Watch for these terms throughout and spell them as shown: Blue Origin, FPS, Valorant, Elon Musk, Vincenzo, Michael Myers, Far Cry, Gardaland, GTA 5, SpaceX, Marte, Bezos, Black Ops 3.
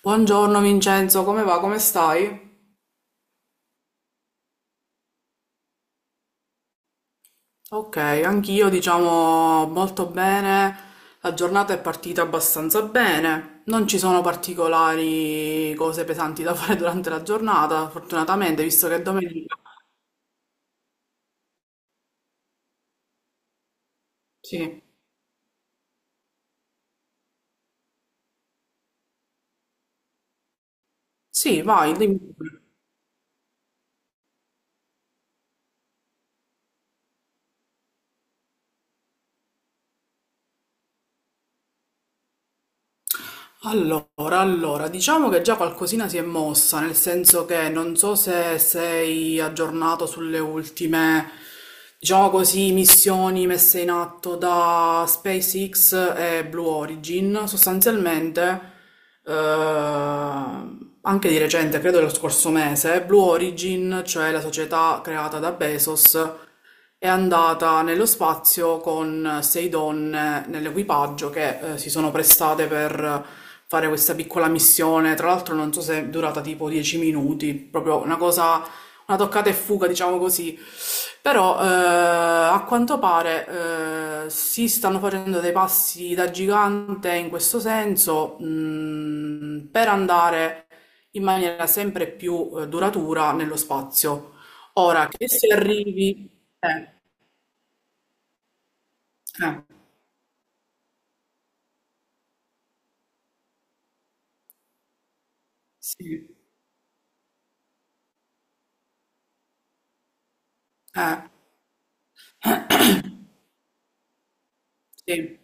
Buongiorno Vincenzo, come va? Come stai? Ok, anch'io diciamo molto bene, la giornata è partita abbastanza bene, non ci sono particolari cose pesanti da fare durante la giornata, fortunatamente, visto che è domenica. Sì, sì, vai, dimmi. Allora, allora, diciamo che già qualcosina si è mossa, nel senso che non so se sei aggiornato sulle ultime, diciamo così, missioni messe in atto da SpaceX e Blue Origin. Sostanzialmente, eh, anche di recente, credo dello scorso mese, Blue Origin, cioè la società creata da Bezos, è andata nello spazio con sei donne nell'equipaggio che si sono prestate per fare questa piccola missione. Tra l'altro, non so se è durata tipo 10 minuti, proprio una cosa, una toccata e fuga, diciamo così. Però a quanto pare si stanno facendo dei passi da gigante in questo senso, per andare in maniera sempre più duratura nello spazio. Ora, che se arrivi, eh, eh, sì, eh, sì.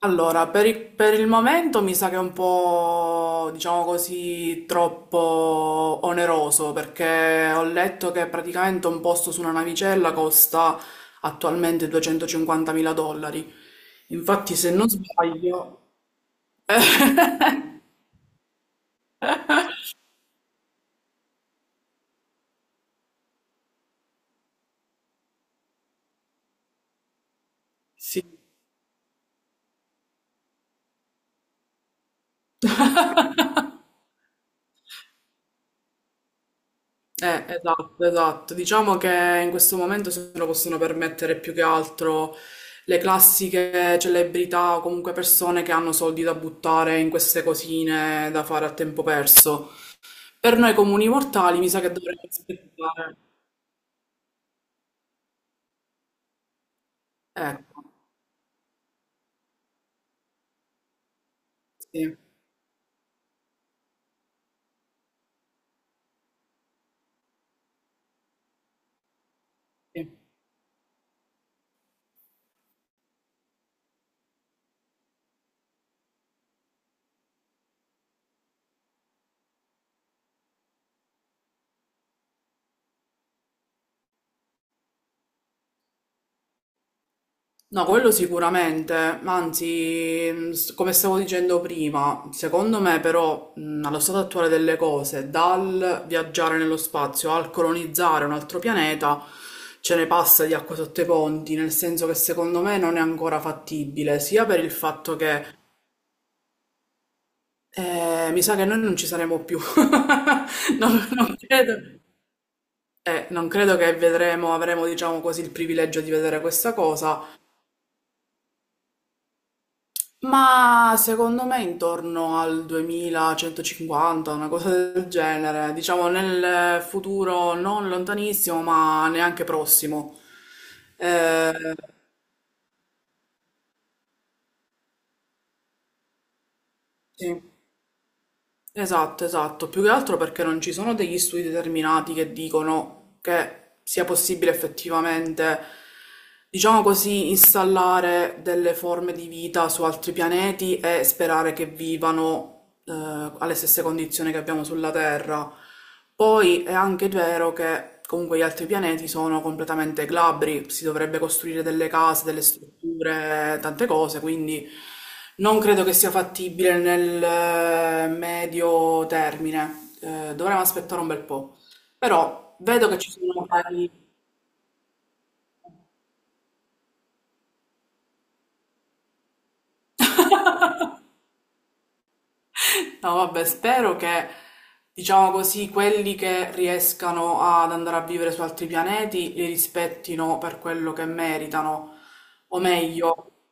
Allora, per il momento mi sa che è un po', diciamo così, troppo oneroso perché ho letto che praticamente un posto su una navicella costa attualmente 250.000 dollari. Infatti, se non sbaglio, sì. Esatto, esatto. Diciamo che in questo momento se lo possono permettere più che altro le classiche celebrità o comunque persone che hanno soldi da buttare in queste cosine da fare a tempo perso. Per noi comuni mortali mi sa che dovremmo aspettare. Ecco, sì, sì. No, quello sicuramente, ma anzi, come stavo dicendo prima, secondo me però, allo stato attuale delle cose, dal viaggiare nello spazio al colonizzare un altro pianeta, ce ne passa di acqua sotto i ponti, nel senso che secondo me non è ancora fattibile, sia per il fatto che mi sa che noi non ci saremo più. Non credo, non credo che vedremo, avremo, diciamo così, il privilegio di vedere questa cosa. Ma secondo me intorno al 2150, una cosa del genere, diciamo nel futuro non lontanissimo, ma neanche prossimo. Eh, sì, esatto, esatto. Più che altro perché non ci sono degli studi determinati che dicono che sia possibile effettivamente, diciamo così, installare delle forme di vita su altri pianeti e sperare che vivano, eh, alle stesse condizioni che abbiamo sulla Terra. Poi è anche vero che comunque gli altri pianeti sono completamente glabri, si dovrebbe costruire delle case, delle strutture, tante cose, quindi non credo che sia fattibile nel medio termine. Dovremmo aspettare un bel po'. Però vedo che ci sono magari... No, vabbè, spero che, diciamo così, quelli che riescano ad andare a vivere su altri pianeti li rispettino per quello che meritano. O meglio,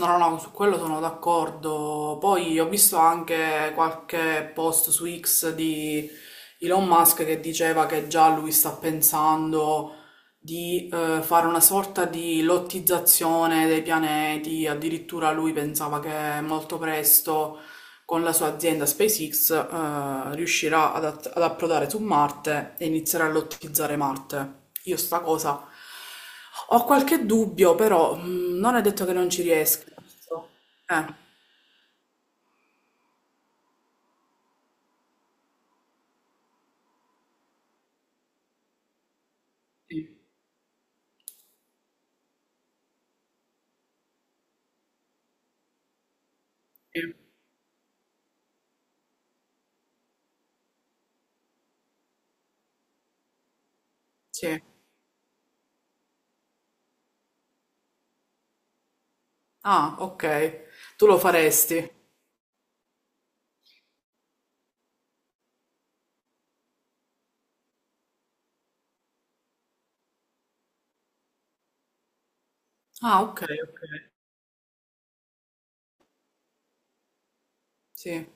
no, no, no, su quello sono d'accordo. Poi ho visto anche qualche post su X di Elon Musk che diceva che già lui sta pensando di fare una sorta di lottizzazione dei pianeti. Addirittura lui pensava che molto presto con la sua azienda SpaceX, riuscirà ad approdare su Marte e inizierà a lottizzare Marte. Io sta cosa ho qualche dubbio, però non è detto che non ci riesca. Eh, sì, sì. Ah, ok. Tu lo faresti. Ah, ok, ok. Sì.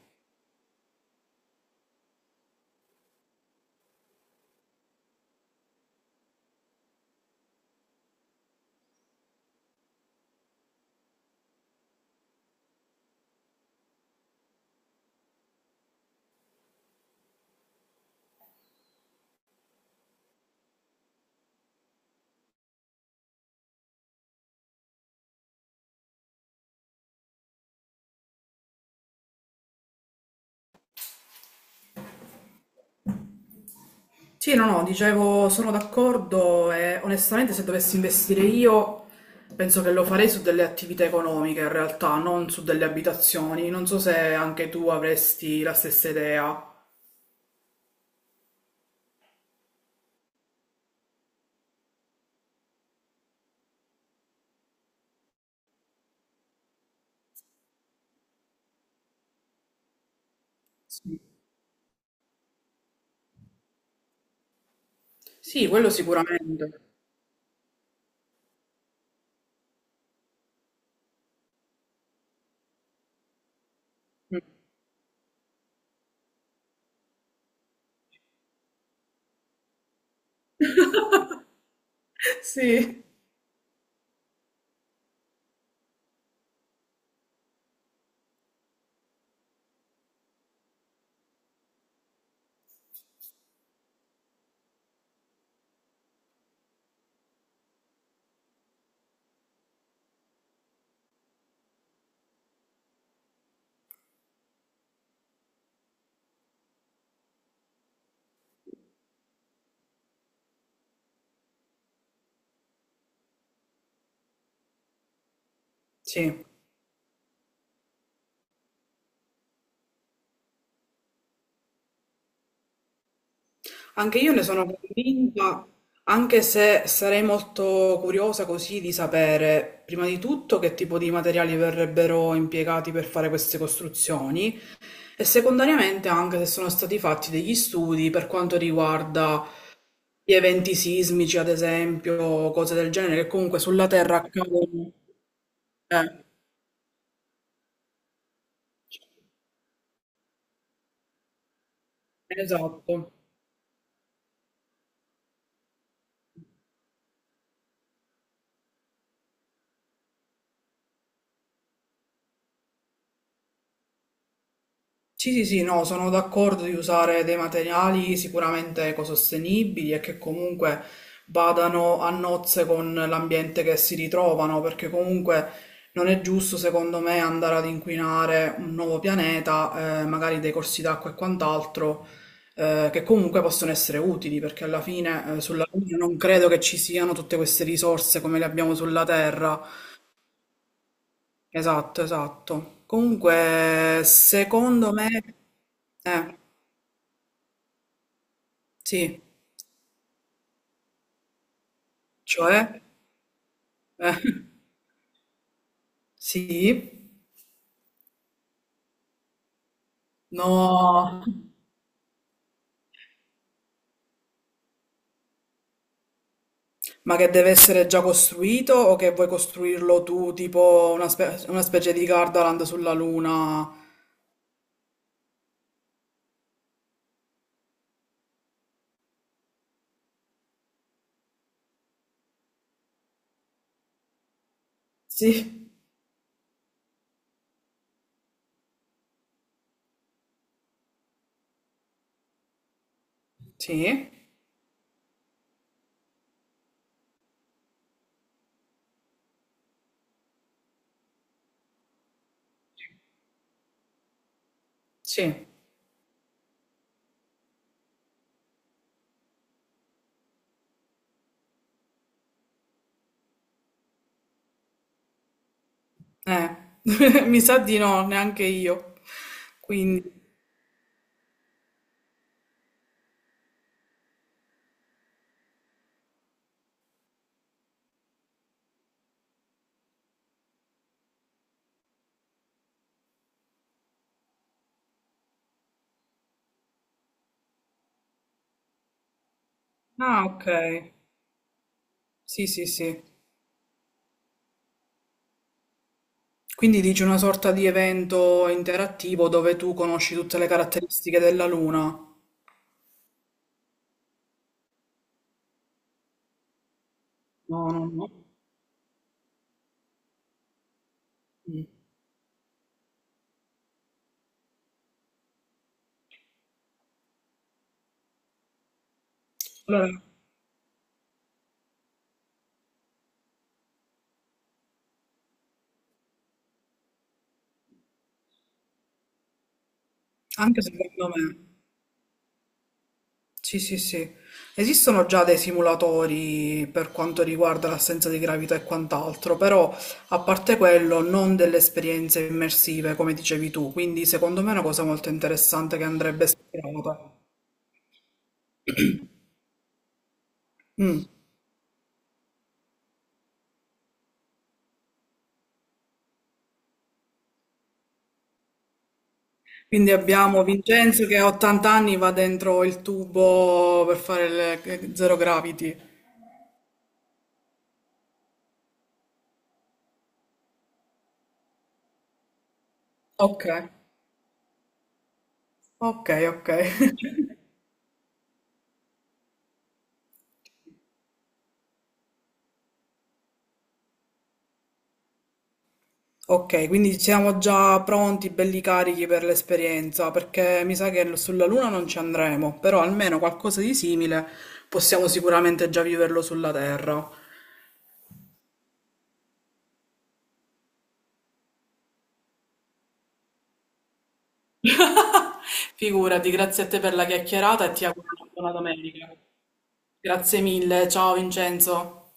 Sì, no, no, dicevo, sono d'accordo e onestamente se dovessi investire io penso che lo farei su delle attività economiche in realtà, non su delle abitazioni. Non so se anche tu avresti la stessa idea. Sì, sì, quello sicuramente. Mm. Sì, sì. Anche io ne sono convinta, anche se sarei molto curiosa così di sapere prima di tutto che tipo di materiali verrebbero impiegati per fare queste costruzioni. E secondariamente anche se sono stati fatti degli studi per quanto riguarda gli eventi sismici, ad esempio, cose del genere, che comunque sulla Terra accadono. Eh, esatto. Sì, sì, sì, no, sono d'accordo di usare dei materiali sicuramente ecosostenibili e che comunque vadano a nozze con l'ambiente che si ritrovano, perché comunque non è giusto, secondo me, andare ad inquinare un nuovo pianeta, magari dei corsi d'acqua e quant'altro, che comunque possono essere utili, perché alla fine, sulla Luna non credo che ci siano tutte queste risorse come le abbiamo sulla Terra. Esatto, esatto. Comunque, secondo me... eh. Sì, cioè? Eh, sì? No, ma che deve essere già costruito o che vuoi costruirlo tu, tipo una specie di Gardaland sulla Luna? Sì, sì, sì, eh, mi sa di no, neanche io. Quindi, ah, ok, sì, sì, sì. Quindi dici una sorta di evento interattivo dove tu conosci tutte le caratteristiche della Luna? No, no, no. Mm. Allora, anche secondo me. Sì, sì, sì. Esistono già dei simulatori per quanto riguarda l'assenza di gravità e quant'altro, però a parte quello non delle esperienze immersive come dicevi tu, quindi secondo me è una cosa molto interessante che andrebbe esplorata. Mm. Quindi abbiamo Vincenzo che a 80 anni va dentro il tubo per fare il zero gravity. Ok, ok, ok. Ok, quindi siamo già pronti, belli carichi per l'esperienza, perché mi sa che sulla Luna non ci andremo, però almeno qualcosa di simile possiamo sicuramente già viverlo sulla Terra. Figurati, grazie a te per la chiacchierata e ti auguro una buona domenica. Grazie mille, ciao Vincenzo.